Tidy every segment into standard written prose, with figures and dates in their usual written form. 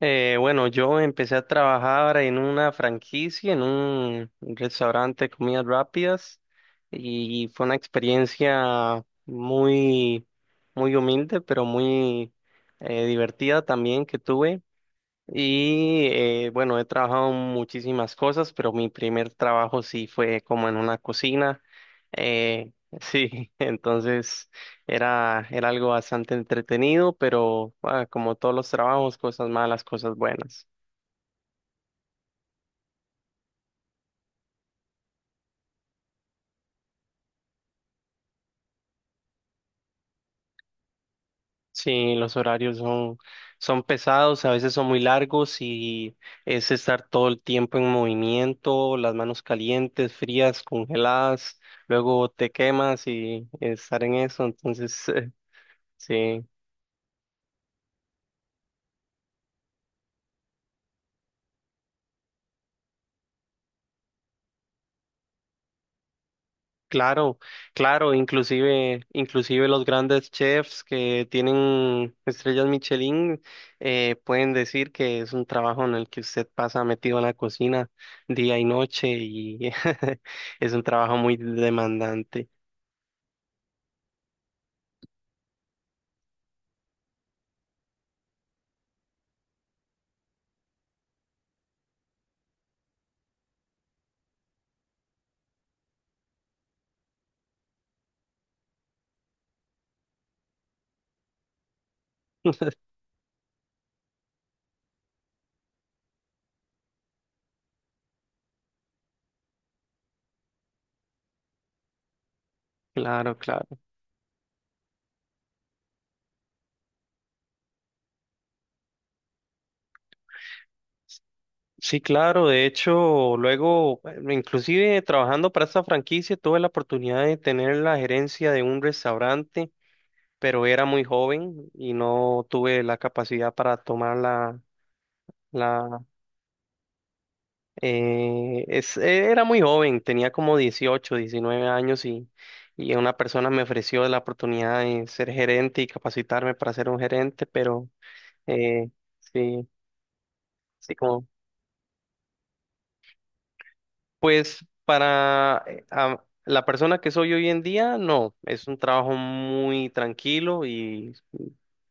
Bueno, yo empecé a trabajar en una franquicia, en un restaurante de comidas rápidas y fue una experiencia muy, muy humilde, pero muy divertida también que tuve. Y bueno, he trabajado en muchísimas cosas, pero mi primer trabajo sí fue como en una cocina. Eh, sí, entonces era algo bastante entretenido, pero ah, como todos los trabajos, cosas malas, cosas buenas. Sí, los horarios son pesados, a veces son muy largos y es estar todo el tiempo en movimiento, las manos calientes, frías, congeladas, luego te quemas y estar en eso, entonces sí. Claro, claro, inclusive, inclusive los grandes chefs que tienen estrellas Michelin pueden decir que es un trabajo en el que usted pasa metido en la cocina día y noche y es un trabajo muy demandante. Claro, claro. Sí, claro. De hecho, luego, inclusive trabajando para esta franquicia, tuve la oportunidad de tener la gerencia de un restaurante, pero era muy joven y no tuve la capacidad para tomarla. La, era muy joven, tenía como 18 19 años y una persona me ofreció la oportunidad de ser gerente y capacitarme para ser un gerente, pero eh, sí, sí, como, pues para la persona que soy hoy en día, no, es un trabajo muy tranquilo y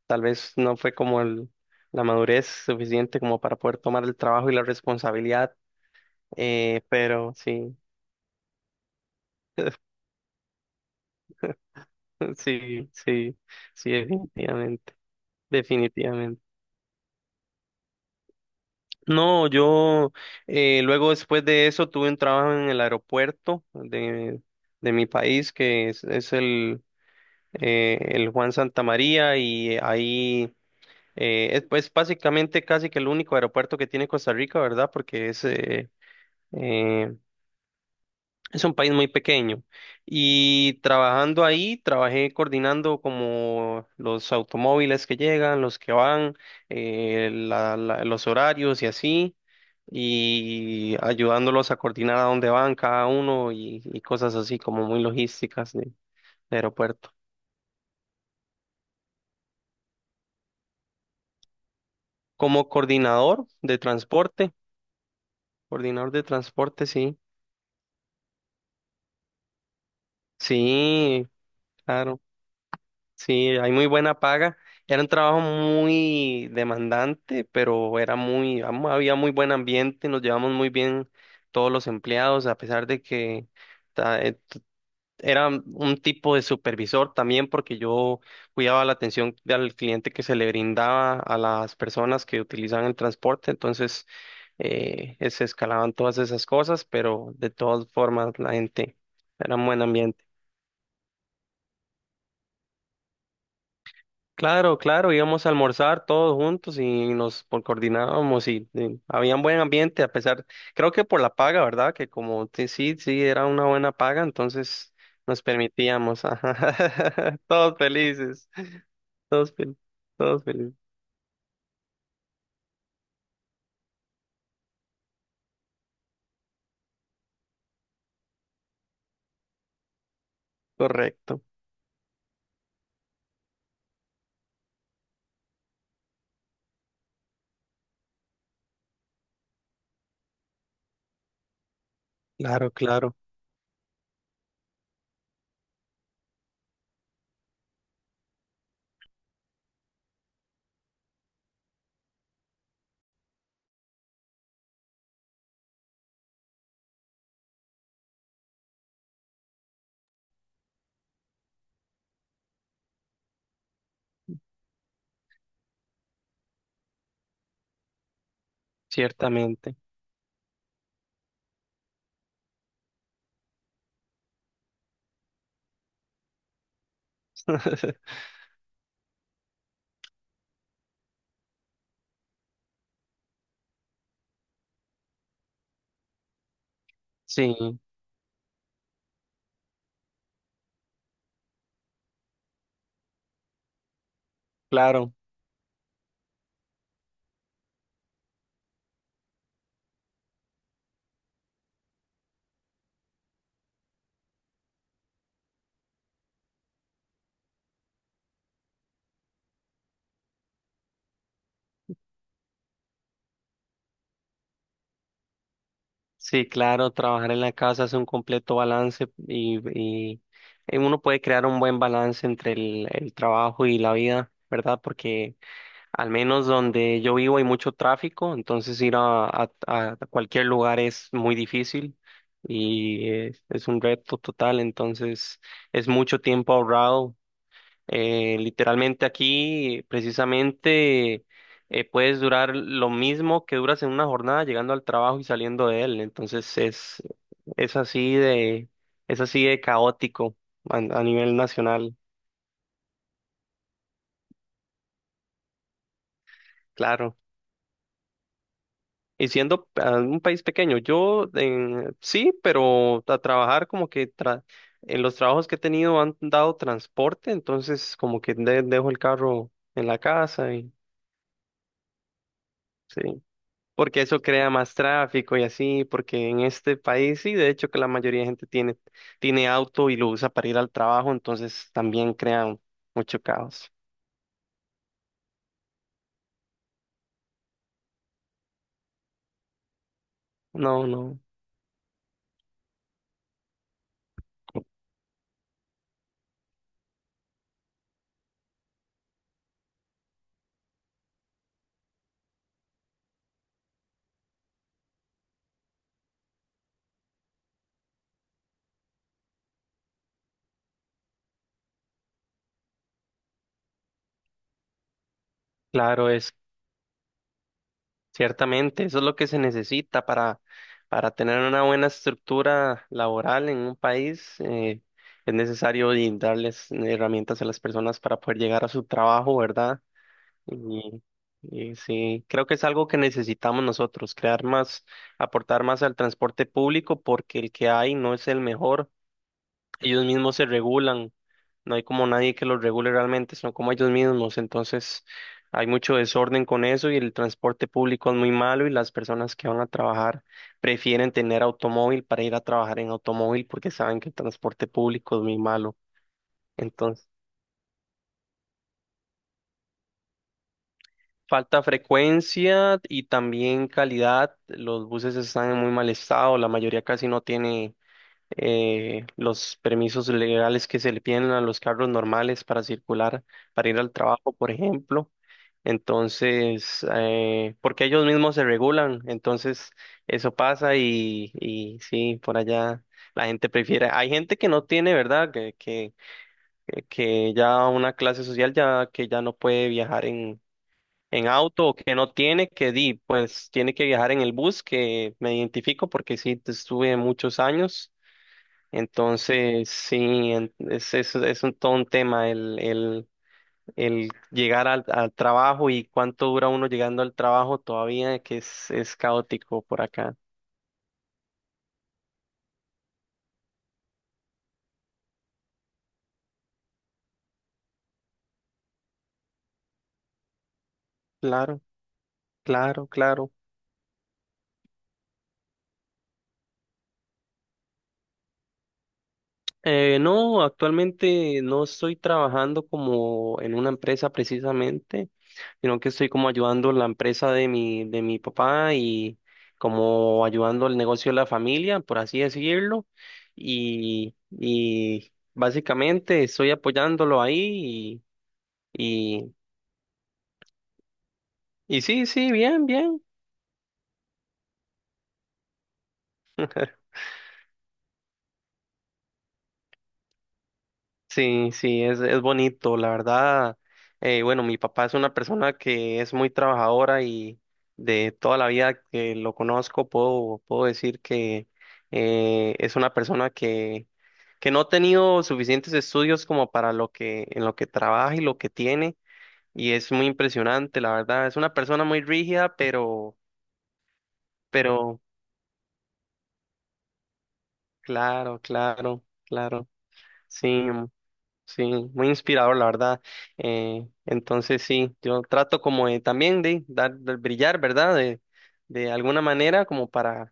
tal vez no fue como la madurez suficiente como para poder tomar el trabajo y la responsabilidad, pero sí. Sí, sí, sí, definitivamente, definitivamente. No, yo luego después de eso tuve un trabajo en el aeropuerto de mi país, que es el Juan Santa María, y ahí es pues básicamente casi que el único aeropuerto que tiene Costa Rica, ¿verdad? Porque eh, es un país muy pequeño y trabajando ahí, trabajé coordinando como los automóviles que llegan, los que van, los horarios y así, y ayudándolos a coordinar a dónde van cada uno y cosas así como muy logísticas de aeropuerto. Como coordinador de transporte, sí, sí, claro. Sí, hay muy buena paga. Era un trabajo muy demandante, pero era había muy buen ambiente, nos llevamos muy bien todos los empleados, a pesar de que ta- eh, era un tipo de supervisor también, porque yo cuidaba la atención al cliente que se le brindaba a las personas que utilizaban el transporte, entonces se escalaban todas esas cosas, pero de todas formas la gente era un buen ambiente. Claro, claro, íbamos a almorzar todos juntos y nos coordinábamos y, había un buen ambiente a pesar, creo que por la paga, ¿verdad? Que sí, sí, era una buena paga, entonces nos permitíamos, ajá, todos felices, todos felices, todos felices, correcto, claro, claro, ciertamente, sí, claro, sí, claro, trabajar en la casa es un completo balance y uno puede crear un buen balance entre el trabajo y la vida, ¿verdad? Porque al menos donde yo vivo hay mucho tráfico, entonces ir a cualquier lugar es muy difícil y un reto total, entonces es mucho tiempo ahorrado. Literalmente aquí, precisamente, puedes durar lo mismo que duras en una jornada llegando al trabajo y saliendo de él, entonces es así de, es así de caótico a nivel nacional, claro. Y siendo un país pequeño, sí, pero a trabajar en los trabajos que he tenido han dado transporte, entonces como que dejo el carro en la casa y sí, porque eso crea más tráfico y así, porque en este país sí, de hecho que la mayoría de gente tiene auto y lo usa para ir al trabajo, entonces también crea mucho caos. No, no, claro. es Ciertamente, eso es lo que se necesita para tener una buena estructura laboral en un país. Es necesario y darles herramientas a las personas para poder llegar a su trabajo, ¿verdad? Y, y sí, creo que es algo que necesitamos nosotros, crear más, aportar más al transporte público porque el que hay no es el mejor. Ellos mismos se regulan, no hay como nadie que los regule realmente, son como ellos mismos, entonces hay mucho desorden con eso y el transporte público es muy malo y las personas que van a trabajar prefieren tener automóvil para ir a trabajar en automóvil porque saben que el transporte público es muy malo. Entonces, falta frecuencia y también calidad, los buses están en muy mal estado, la mayoría casi no tiene los permisos legales que se le piden a los carros normales para circular, para ir al trabajo, por ejemplo. Entonces, porque ellos mismos se regulan, entonces eso pasa y sí, por allá la gente prefiere. Hay gente que no tiene, ¿verdad? Que ya una clase social ya que ya no puede viajar en auto o que no tiene, pues tiene que viajar en el bus, que me identifico porque sí, estuve muchos años entonces, sí, todo un tema el llegar al trabajo y cuánto dura uno llegando al trabajo todavía, que es caótico por acá. Claro, claro, claro. No, actualmente no estoy trabajando como en una empresa precisamente, sino que estoy como ayudando la empresa de mi papá y como ayudando el negocio de la familia, por así decirlo. Y básicamente estoy apoyándolo ahí y, y, y sí, sí, bien, bien. Sí, sí, es bonito, la verdad. Bueno, mi papá es una persona que es muy trabajadora y de toda la vida que lo conozco puedo decir que es una persona que no ha tenido suficientes estudios como para lo que, en lo que trabaja y lo que tiene y es muy impresionante, la verdad. Es una persona muy rígida, pero, claro, claro, claro, sí. Sí, muy inspirador, la verdad. Entonces sí, yo trato como de también de dar, de brillar, ¿verdad? De alguna manera como para,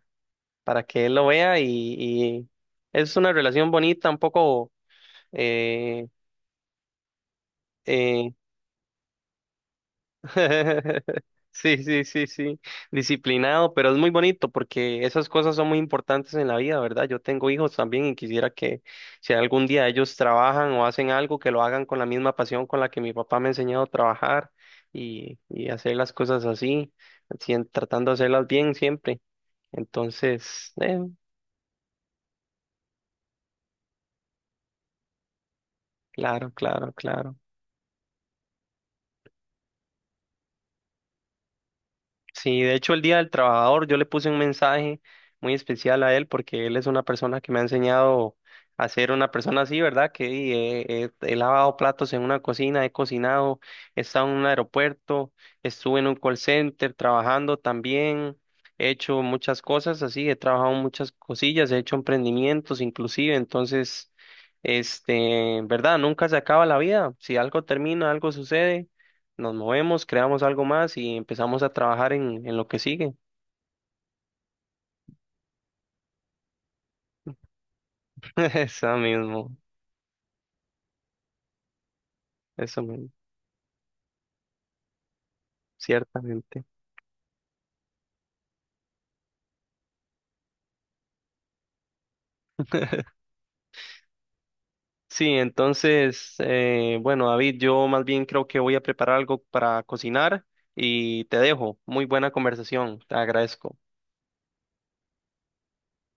para que él lo vea y es una relación bonita, un poco eh, eh, Sí, sí, sí, sí. Disciplinado, pero es muy bonito porque esas cosas son muy importantes en la vida, ¿verdad? Yo tengo hijos también y quisiera que si algún día ellos trabajan o hacen algo, que lo hagan con la misma pasión con la que mi papá me ha enseñado a trabajar y hacer las cosas así, tratando de hacerlas bien siempre. Entonces, claro, claro, claro. Sí, de hecho el Día del Trabajador yo le puse un mensaje muy especial a él porque él es una persona que me ha enseñado a ser una persona así, ¿verdad? He lavado platos en una cocina, he cocinado, he estado en un aeropuerto, estuve en un call center trabajando también, he hecho muchas cosas así, he trabajado en muchas cosillas, he hecho emprendimientos inclusive, entonces, ¿verdad? Nunca se acaba la vida, si algo termina, algo sucede, nos movemos, creamos algo más y empezamos a trabajar en lo que sigue. Eso mismo, eso mismo, ciertamente. Sí, entonces, bueno, David, yo más bien creo que voy a preparar algo para cocinar y te dejo. Muy buena conversación, te agradezco.